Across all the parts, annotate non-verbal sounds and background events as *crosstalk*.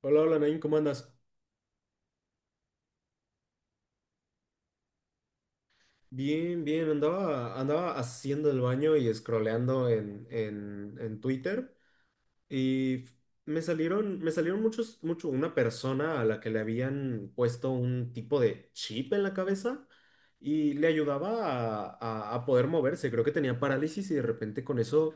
Hola, hola Nain, ¿cómo andas? Bien, bien, andaba haciendo el baño y scrolleando en Twitter y me salieron mucho una persona a la que le habían puesto un tipo de chip en la cabeza y le ayudaba a poder moverse. Creo que tenía parálisis y de repente con eso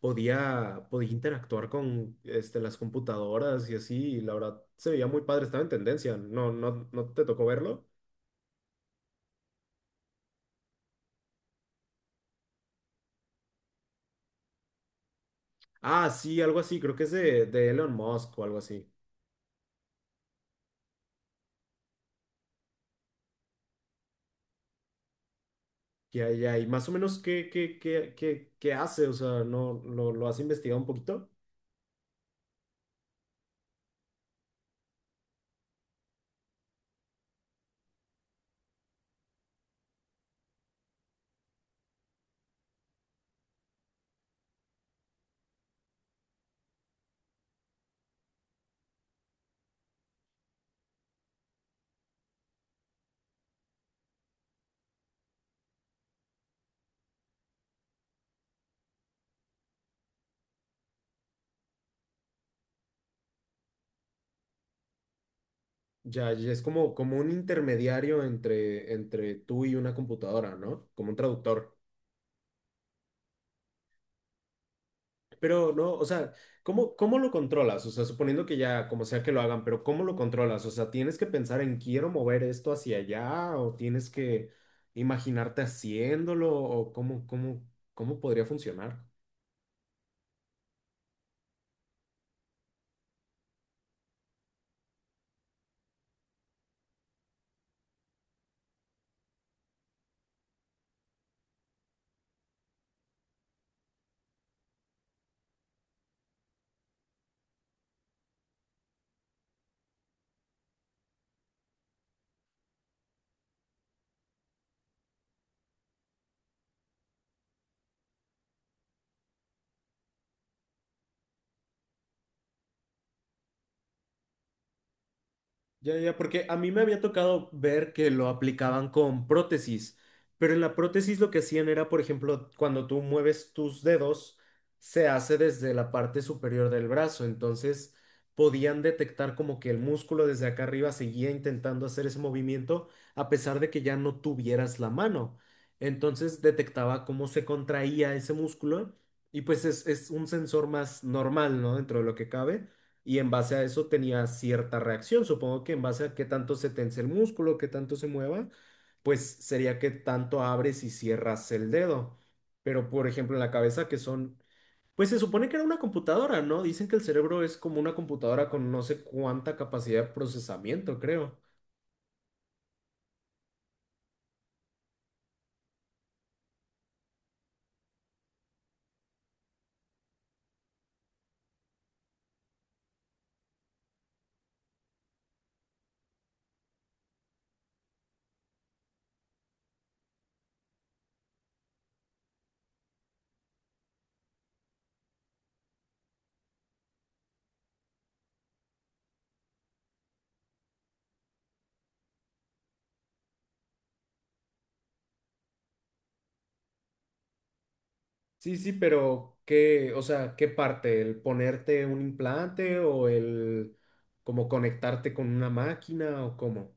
podía interactuar con este, las computadoras y así. Y la verdad se veía muy padre, estaba en tendencia. No, no, ¿no te tocó verlo? Ah, sí, algo así, creo que es de Elon Musk o algo así. Ya, ya, y más o menos qué hace, o sea, no lo, lo has investigado un poquito. Ya, ya es como un intermediario entre tú y una computadora, ¿no? Como un traductor. Pero no, o sea, cómo lo controlas? O sea, suponiendo que ya, como sea que lo hagan, pero ¿cómo lo controlas? O sea, ¿tienes que pensar en quiero mover esto hacia allá? ¿O tienes que imaginarte haciéndolo? ¿O cómo podría funcionar? Ya, ya, porque a mí me había tocado ver que lo aplicaban con prótesis, pero en la prótesis lo que hacían era, por ejemplo, cuando tú mueves tus dedos, se hace desde la parte superior del brazo, entonces podían detectar como que el músculo desde acá arriba seguía intentando hacer ese movimiento a pesar de que ya no tuvieras la mano. Entonces detectaba cómo se contraía ese músculo y pues es un sensor más normal, ¿no? Dentro de lo que cabe y en base a eso tenía cierta reacción. Supongo que en base a qué tanto se tense el músculo, qué tanto se mueva, pues sería que tanto abres y cierras el dedo. Pero por ejemplo en la cabeza que son, pues se supone que era una computadora, ¿no? Dicen que el cerebro es como una computadora con no sé cuánta capacidad de procesamiento, creo. Sí, sí, pero ¿qué, o sea, qué parte? ¿El ponerte un implante o el como conectarte con una máquina o cómo?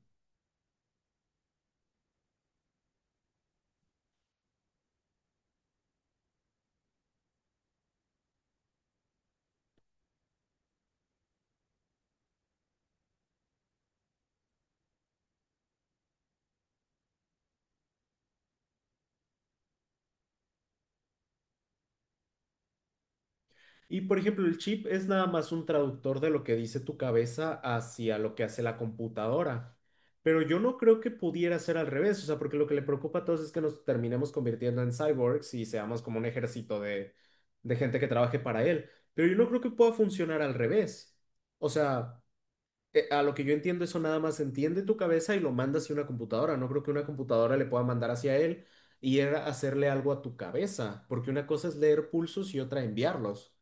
Y por ejemplo, el chip es nada más un traductor de lo que dice tu cabeza hacia lo que hace la computadora. Pero yo no creo que pudiera ser al revés, o sea, porque lo que le preocupa a todos es que nos terminemos convirtiendo en cyborgs y seamos como un ejército de gente que trabaje para él. Pero yo no creo que pueda funcionar al revés. O sea, a lo que yo entiendo, eso nada más entiende tu cabeza y lo manda hacia una computadora. No creo que una computadora le pueda mandar hacia él y él hacerle algo a tu cabeza, porque una cosa es leer pulsos y otra enviarlos.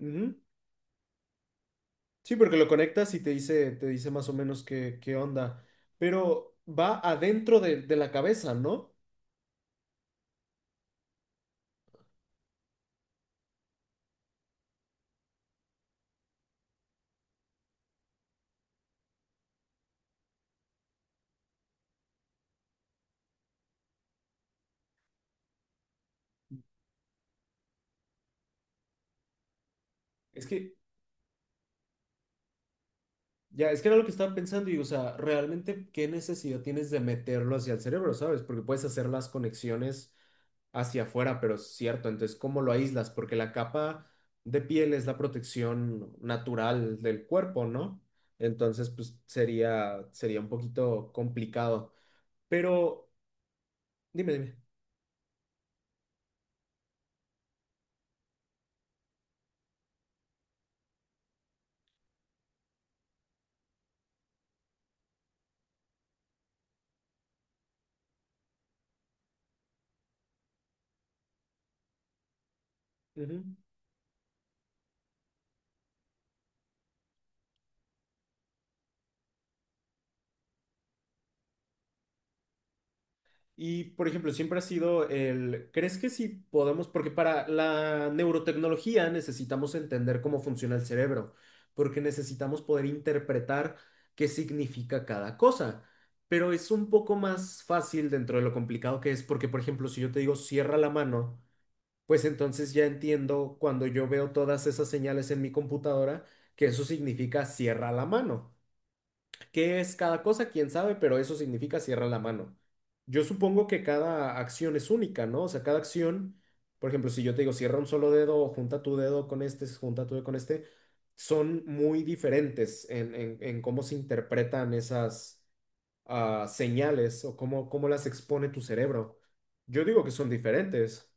Ujú. Sí, porque lo conectas y te dice más o menos qué, qué onda. Pero va adentro de la cabeza, ¿no? Es que, ya, es que era lo que estaba pensando y, o sea, realmente, ¿qué necesidad tienes de meterlo hacia el cerebro, ¿sabes? Porque puedes hacer las conexiones hacia afuera, pero es cierto, entonces, ¿cómo lo aíslas? Porque la capa de piel es la protección natural del cuerpo, ¿no? Entonces, pues sería un poquito complicado. Pero, dime, dime. Ujú. Y, por ejemplo, siempre ha sido el, ¿crees que sí podemos? Porque para la neurotecnología necesitamos entender cómo funciona el cerebro, porque necesitamos poder interpretar qué significa cada cosa. Pero es un poco más fácil dentro de lo complicado que es, porque, por ejemplo, si yo te digo cierra la mano, pues entonces ya entiendo cuando yo veo todas esas señales en mi computadora que eso significa cierra la mano. ¿Qué es cada cosa? ¿Quién sabe? Pero eso significa cierra la mano. Yo supongo que cada acción es única, ¿no? O sea, cada acción, por ejemplo, si yo te digo cierra un solo dedo, o junta tu dedo con este, junta tu dedo con este, son muy diferentes en cómo se interpretan esas señales o cómo las expone tu cerebro. Yo digo que son diferentes.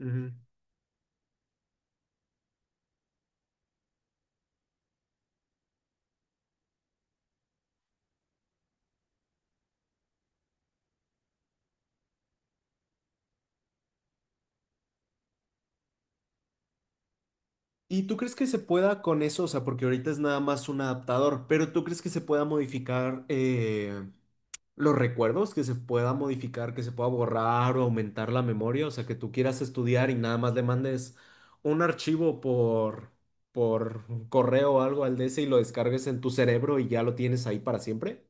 Ujú. ¿Y tú crees que se pueda con eso? O sea, porque ahorita es nada más un adaptador, pero ¿tú crees que se pueda modificar? Los recuerdos que se pueda modificar, que se pueda borrar o aumentar la memoria, o sea, que tú quieras estudiar y nada más le mandes un archivo por correo o algo al DS y lo descargues en tu cerebro y ya lo tienes ahí para siempre.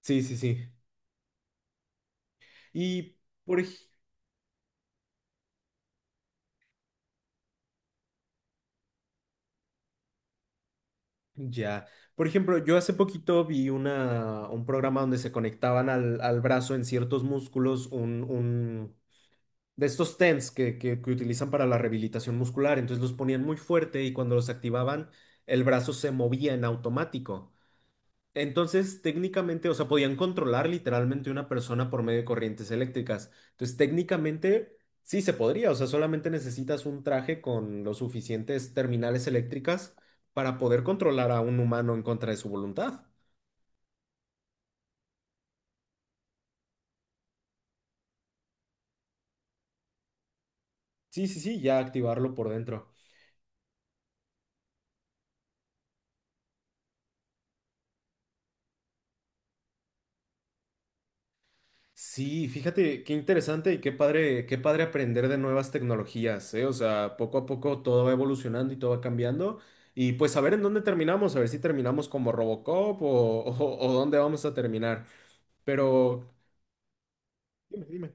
Sí, sí, sí. Y por, ej- ya. Por ejemplo, yo hace poquito vi una, un programa donde se conectaban al brazo en ciertos músculos de estos TENS que utilizan para la rehabilitación muscular. Entonces los ponían muy fuerte y cuando los activaban, el brazo se movía en automático. Entonces, técnicamente, o sea, podían controlar literalmente una persona por medio de corrientes eléctricas. Entonces, técnicamente, sí se podría. O sea, solamente necesitas un traje con los suficientes terminales eléctricas para poder controlar a un humano en contra de su voluntad. Sí, sí, sí, ya activarlo por dentro. Sí, fíjate qué interesante y qué padre aprender de nuevas tecnologías, ¿eh? O sea, poco a poco todo va evolucionando y todo va cambiando. Y pues a ver en dónde terminamos, a ver si terminamos como Robocop o, *laughs* o dónde vamos a terminar. Pero dime, dime.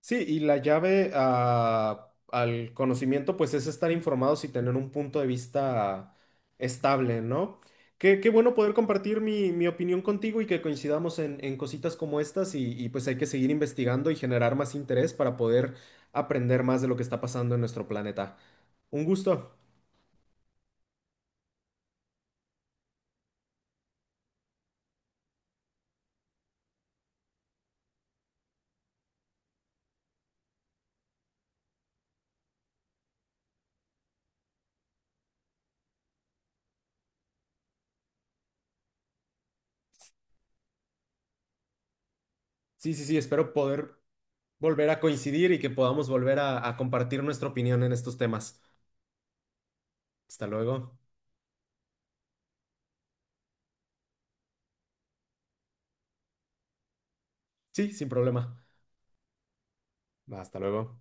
Sí, y la llave a- al conocimiento, pues es estar informados y tener un punto de vista estable, ¿no? Qué, qué bueno poder compartir mi opinión contigo y que coincidamos en cositas como estas y pues hay que seguir investigando y generar más interés para poder aprender más de lo que está pasando en nuestro planeta. Un gusto. Sí, sí, sí, espero poder volver a coincidir y que podamos volver a compartir nuestra opinión en estos temas. Hasta luego. Sí, sin problema. Hasta luego.